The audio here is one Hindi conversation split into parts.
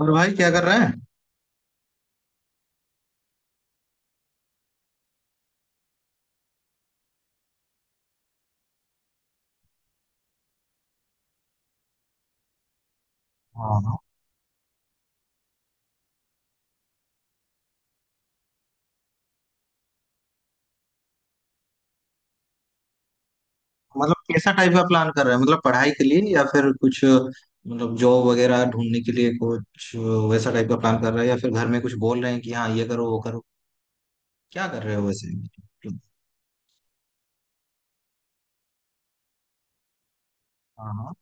और भाई क्या कर रहे हैं? हाँ। मतलब कैसा टाइप का प्लान कर रहे हैं, मतलब पढ़ाई के लिए या फिर कुछ मतलब जॉब वगैरह ढूंढने के लिए कुछ वैसा टाइप का प्लान कर रहे हैं, या फिर घर में कुछ बोल रहे हैं कि हाँ ये करो वो करो, क्या कर रहे हो वैसे? हाँ हाँ।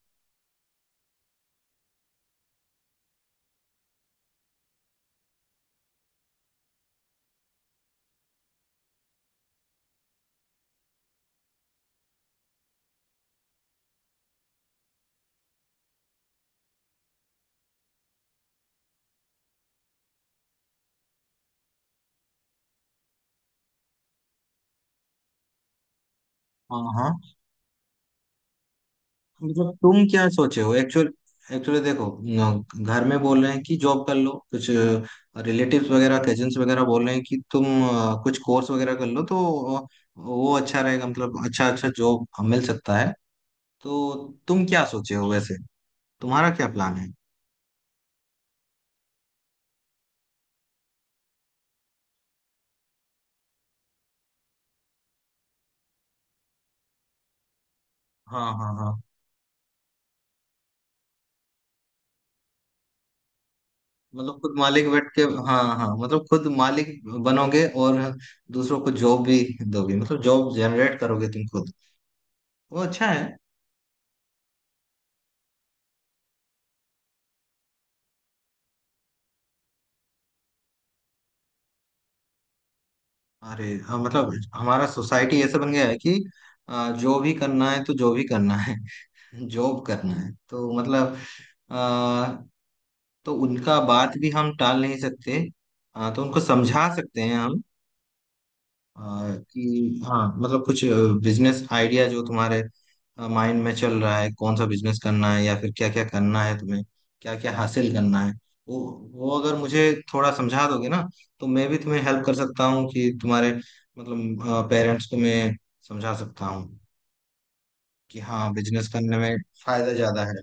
हाँ। मतलब तुम क्या सोचे हो एक्चुअल, एक्चुअली देखो घर में बोल रहे हैं कि जॉब कर लो कुछ, रिलेटिव्स वगैरह कजिन्स वगैरह बोल रहे हैं कि तुम कुछ कोर्स वगैरह कर लो तो वो अच्छा रहेगा, मतलब अच्छा अच्छा जॉब मिल सकता है। तो तुम क्या सोचे हो वैसे, तुम्हारा क्या प्लान है? हाँ हाँ हाँ। मतलब खुद मालिक बैठ के। हाँ हाँ, मतलब खुद मालिक बनोगे और दूसरों को जॉब भी दोगे, मतलब जॉब जनरेट करोगे तुम खुद। वो अच्छा है। अरे हाँ, मतलब हमारा सोसाइटी ऐसा बन गया है कि जो भी करना है तो जो भी करना है जॉब करना है तो मतलब आ, तो उनका बात भी हम टाल नहीं सकते। तो उनको समझा सकते हैं हम अ, कि हाँ मतलब कुछ बिजनेस आइडिया जो तुम्हारे माइंड में चल रहा है, कौन सा बिजनेस करना है या फिर क्या क्या करना है तुम्हें, क्या क्या हासिल करना है। वो वो अगर मुझे थोड़ा समझा दोगे ना, तो मैं भी तुम्हें हेल्प कर सकता हूँ कि तुम्हारे मतलब पेरेंट्स को मैं समझा सकता हूँ कि हाँ बिजनेस करने में फायदा ज्यादा है।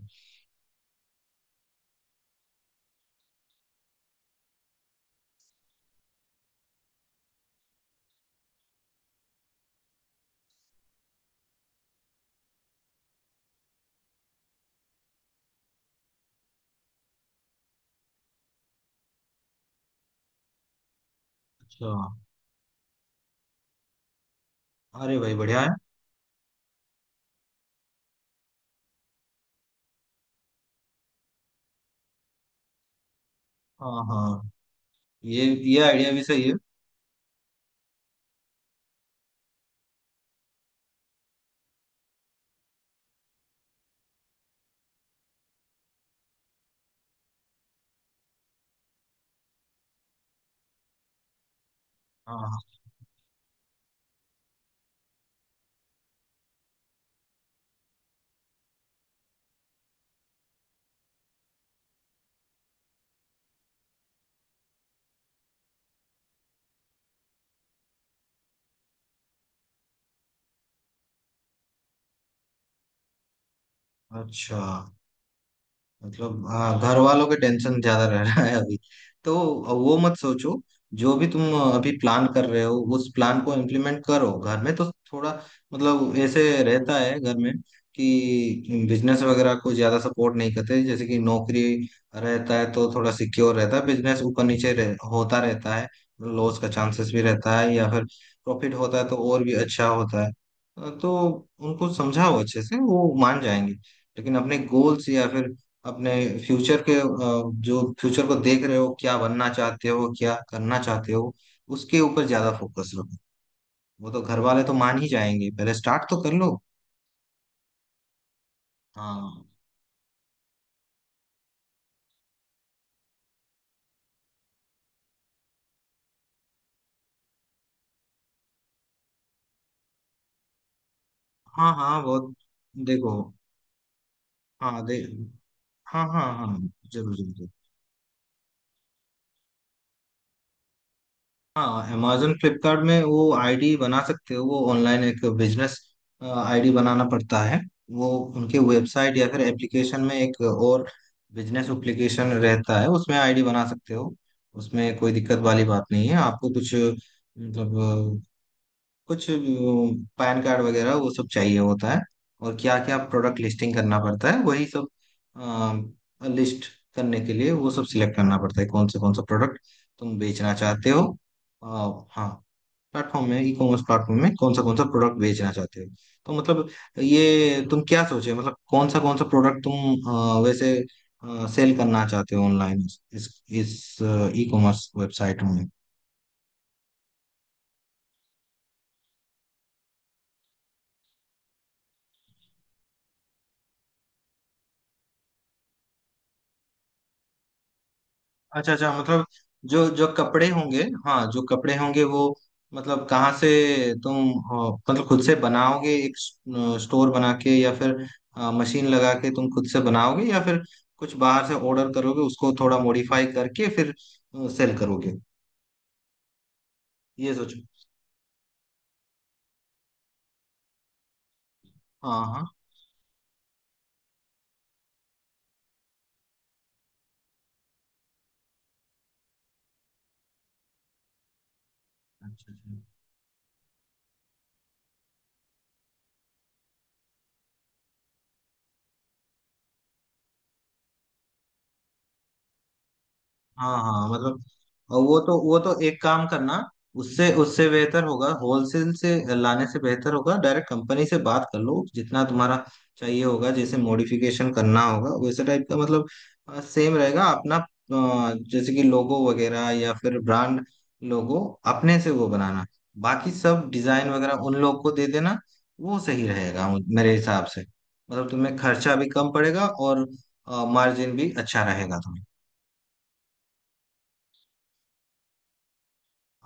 अच्छा। अरे भाई बढ़िया है। हाँ हाँ, ये आइडिया भी सही है। हाँ हाँ, अच्छा। मतलब हाँ, घर वालों के टेंशन ज्यादा रह रहा है अभी, तो वो मत सोचो। जो भी तुम अभी प्लान कर रहे हो उस प्लान को इम्प्लीमेंट करो। घर में तो थोड़ा मतलब ऐसे रहता है घर में, कि बिजनेस वगैरह को ज्यादा सपोर्ट नहीं करते। जैसे कि नौकरी रहता है तो थोड़ा सिक्योर रहता है, बिजनेस ऊपर नीचे होता रहता है, लॉस का चांसेस भी रहता है, या फिर प्रॉफिट होता है तो और भी अच्छा होता है। तो उनको समझाओ अच्छे से, वो मान जाएंगे। लेकिन अपने गोल्स या फिर अपने फ्यूचर के जो फ्यूचर को देख रहे हो, क्या बनना चाहते हो, क्या करना चाहते हो, उसके ऊपर ज्यादा फोकस रखो। वो तो घर वाले तो मान ही जाएंगे, पहले स्टार्ट तो कर लो। हाँ हाँ, हाँ बहुत। देखो, हाँ दे, हाँ हाँ हाँ, जरूर जरूर जरूर। हाँ, amazon फ्लिपकार्ट में वो आईडी बना सकते हो, वो ऑनलाइन एक बिजनेस आईडी बनाना पड़ता है। वो उनके वेबसाइट या फिर एप्लीकेशन में एक और बिजनेस एप्लीकेशन रहता है, उसमें आईडी बना सकते हो। उसमें कोई दिक्कत वाली बात नहीं है, आपको कुछ मतलब कुछ पैन कार्ड वगैरह वो सब चाहिए होता है। और क्या क्या प्रोडक्ट लिस्टिंग करना पड़ता है, वही सब लिस्ट करने के लिए वो सब सिलेक्ट करना पड़ता है, कौन से कौन सा प्रोडक्ट तुम बेचना चाहते हो। हाँ, प्लेटफॉर्म में, ई कॉमर्स प्लेटफॉर्म में कौन सा प्रोडक्ट बेचना चाहते हो? तो मतलब ये तुम क्या सोचे, मतलब कौन सा प्रोडक्ट तुम वैसे सेल करना चाहते हो ऑनलाइन, इस इस ई कॉमर्स वेबसाइट में? अच्छा अच्छा, मतलब जो जो कपड़े होंगे, हाँ जो कपड़े होंगे वो, मतलब कहाँ से तुम मतलब खुद से बनाओगे एक स्टोर बना के, या फिर मशीन लगा के तुम खुद से बनाओगे, या फिर कुछ बाहर से ऑर्डर करोगे उसको थोड़ा मॉडिफाई करके फिर सेल करोगे? ये सोचो। हाँ हाँ। अच्छा अच्छा। हाँ हाँ, मतलब, और वो तो एक काम करना, उससे उससे बेहतर होगा, होलसेल से लाने से बेहतर होगा डायरेक्ट कंपनी से बात कर लो। जितना तुम्हारा चाहिए होगा, जैसे मॉडिफिकेशन करना होगा वैसे टाइप का, मतलब सेम रहेगा अपना जैसे कि लोगो वगैरह या फिर ब्रांड लोगो अपने से वो बनाना, बाकी सब डिजाइन वगैरह उन लोग को दे देना। वो सही रहेगा मेरे हिसाब से। मतलब तुम्हें खर्चा भी कम पड़ेगा और मार्जिन भी अच्छा रहेगा तुम्हें।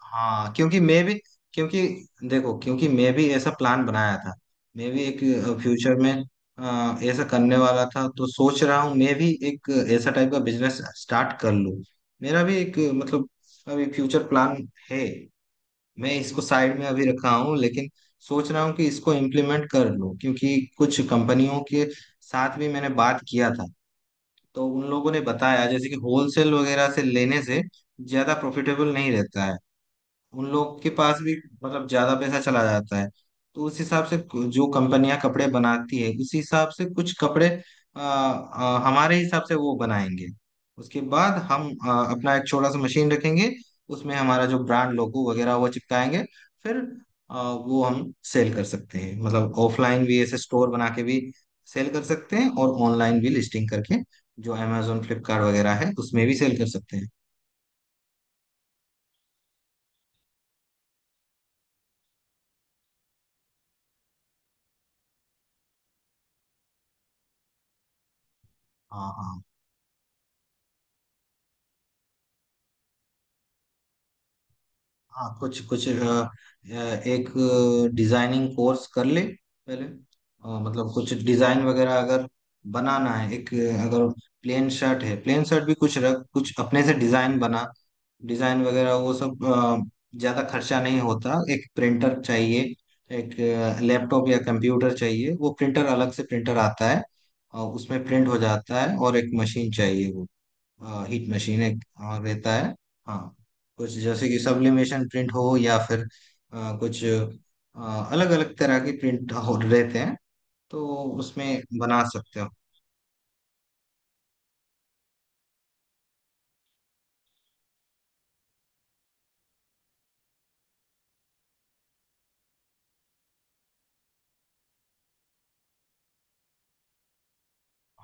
हाँ क्योंकि मैं भी, क्योंकि देखो क्योंकि मैं भी ऐसा प्लान बनाया था, मैं भी एक फ्यूचर में ऐसा करने वाला था। तो सोच रहा हूँ मैं भी एक ऐसा टाइप का बिजनेस स्टार्ट कर लूँ। मेरा भी एक मतलब अभी फ्यूचर प्लान है, मैं इसको साइड में अभी रखा हूँ, लेकिन सोच रहा हूँ कि इसको इम्प्लीमेंट कर लूँ, क्योंकि कुछ कंपनियों के साथ भी मैंने बात किया था, तो उन लोगों ने बताया जैसे कि होलसेल वगैरह से लेने से ज्यादा प्रॉफिटेबल नहीं रहता है, उन लोग के पास भी मतलब ज्यादा पैसा चला जाता है। तो उस हिसाब से जो कंपनियां कपड़े बनाती है उस हिसाब से कुछ कपड़े आ, आ, हमारे हिसाब से वो बनाएंगे। उसके बाद हम अपना एक छोटा सा मशीन रखेंगे, उसमें हमारा जो ब्रांड लोगो वगैरह वो चिपकाएंगे, फिर वो हम सेल कर सकते हैं। मतलब ऑफलाइन भी ऐसे स्टोर बना के भी सेल कर सकते हैं, और ऑनलाइन भी लिस्टिंग करके जो अमेजोन फ्लिपकार्ट वगैरह है उसमें भी सेल कर सकते हैं। हाँ हाँ हाँ। कुछ कुछ एक डिजाइनिंग कोर्स कर ले पहले। मतलब कुछ डिजाइन वगैरह अगर बनाना है, एक अगर प्लेन शर्ट है, प्लेन शर्ट भी कुछ रख कुछ अपने से डिजाइन बना, डिजाइन वगैरह वो सब ज्यादा खर्चा नहीं होता, एक प्रिंटर चाहिए, एक लैपटॉप या कंप्यूटर चाहिए, वो प्रिंटर अलग से प्रिंटर आता है, उसमें प्रिंट हो जाता है, और एक मशीन चाहिए, वो हाँ हीट मशीन एक हाँ रहता है। हाँ कुछ जैसे कि सब्लिमेशन प्रिंट हो, या फिर कुछ अलग अलग तरह के प्रिंट हो रहते हैं, तो उसमें बना सकते हो।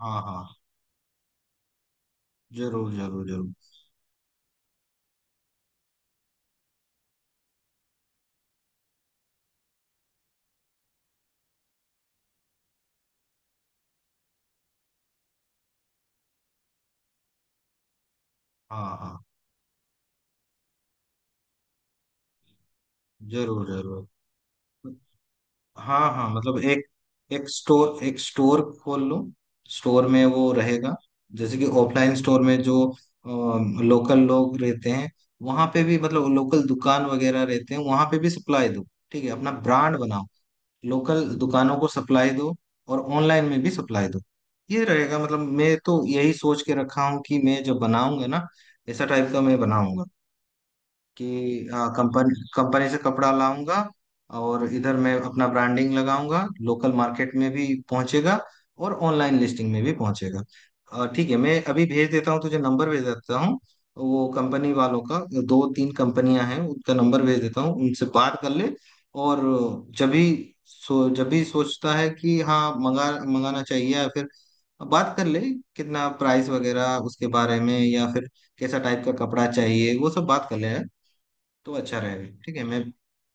हाँ हाँ, जरूर जरूर जरूर। हाँ हाँ, जरूर जरूर। हाँ हाँ, मतलब एक, एक स्टोर खोल लो, स्टोर में वो रहेगा, जैसे कि ऑफलाइन स्टोर में जो लोकल लोग रहते हैं वहां पे भी, मतलब लोकल दुकान वगैरह रहते हैं वहां पे भी सप्लाई दो। ठीक है, अपना ब्रांड बनाओ, लोकल दुकानों को सप्लाई दो और ऑनलाइन में भी सप्लाई दो। ये रहेगा, मतलब मैं तो यही सोच के रखा हूँ कि मैं जब बनाऊंगा ना, ऐसा टाइप का मैं बनाऊंगा कि हाँ कंपनी, कंपनी से कपड़ा लाऊंगा और इधर मैं अपना ब्रांडिंग लगाऊंगा, लोकल मार्केट में भी पहुंचेगा और ऑनलाइन लिस्टिंग में भी पहुंचेगा। ठीक है, मैं अभी भेज देता हूँ तुझे, नंबर भेज देता हूँ वो कंपनी वालों का। दो तीन कंपनियां हैं, उनका नंबर भेज देता हूँ, उनसे बात कर ले। और जब भी, जब भी सोचता है कि हाँ मंगा मंगाना चाहिए, या फिर बात कर ले कितना प्राइस वगैरह उसके बारे में, या फिर कैसा टाइप का कपड़ा चाहिए वो सब बात कर ले, तो अच्छा रहेगा। ठीक है, मैं,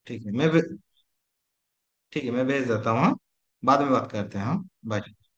ठीक है मैं ठीक है मैं भेज देता हूँ हाँ, बाद में बात करते हैं। हाँ बाय।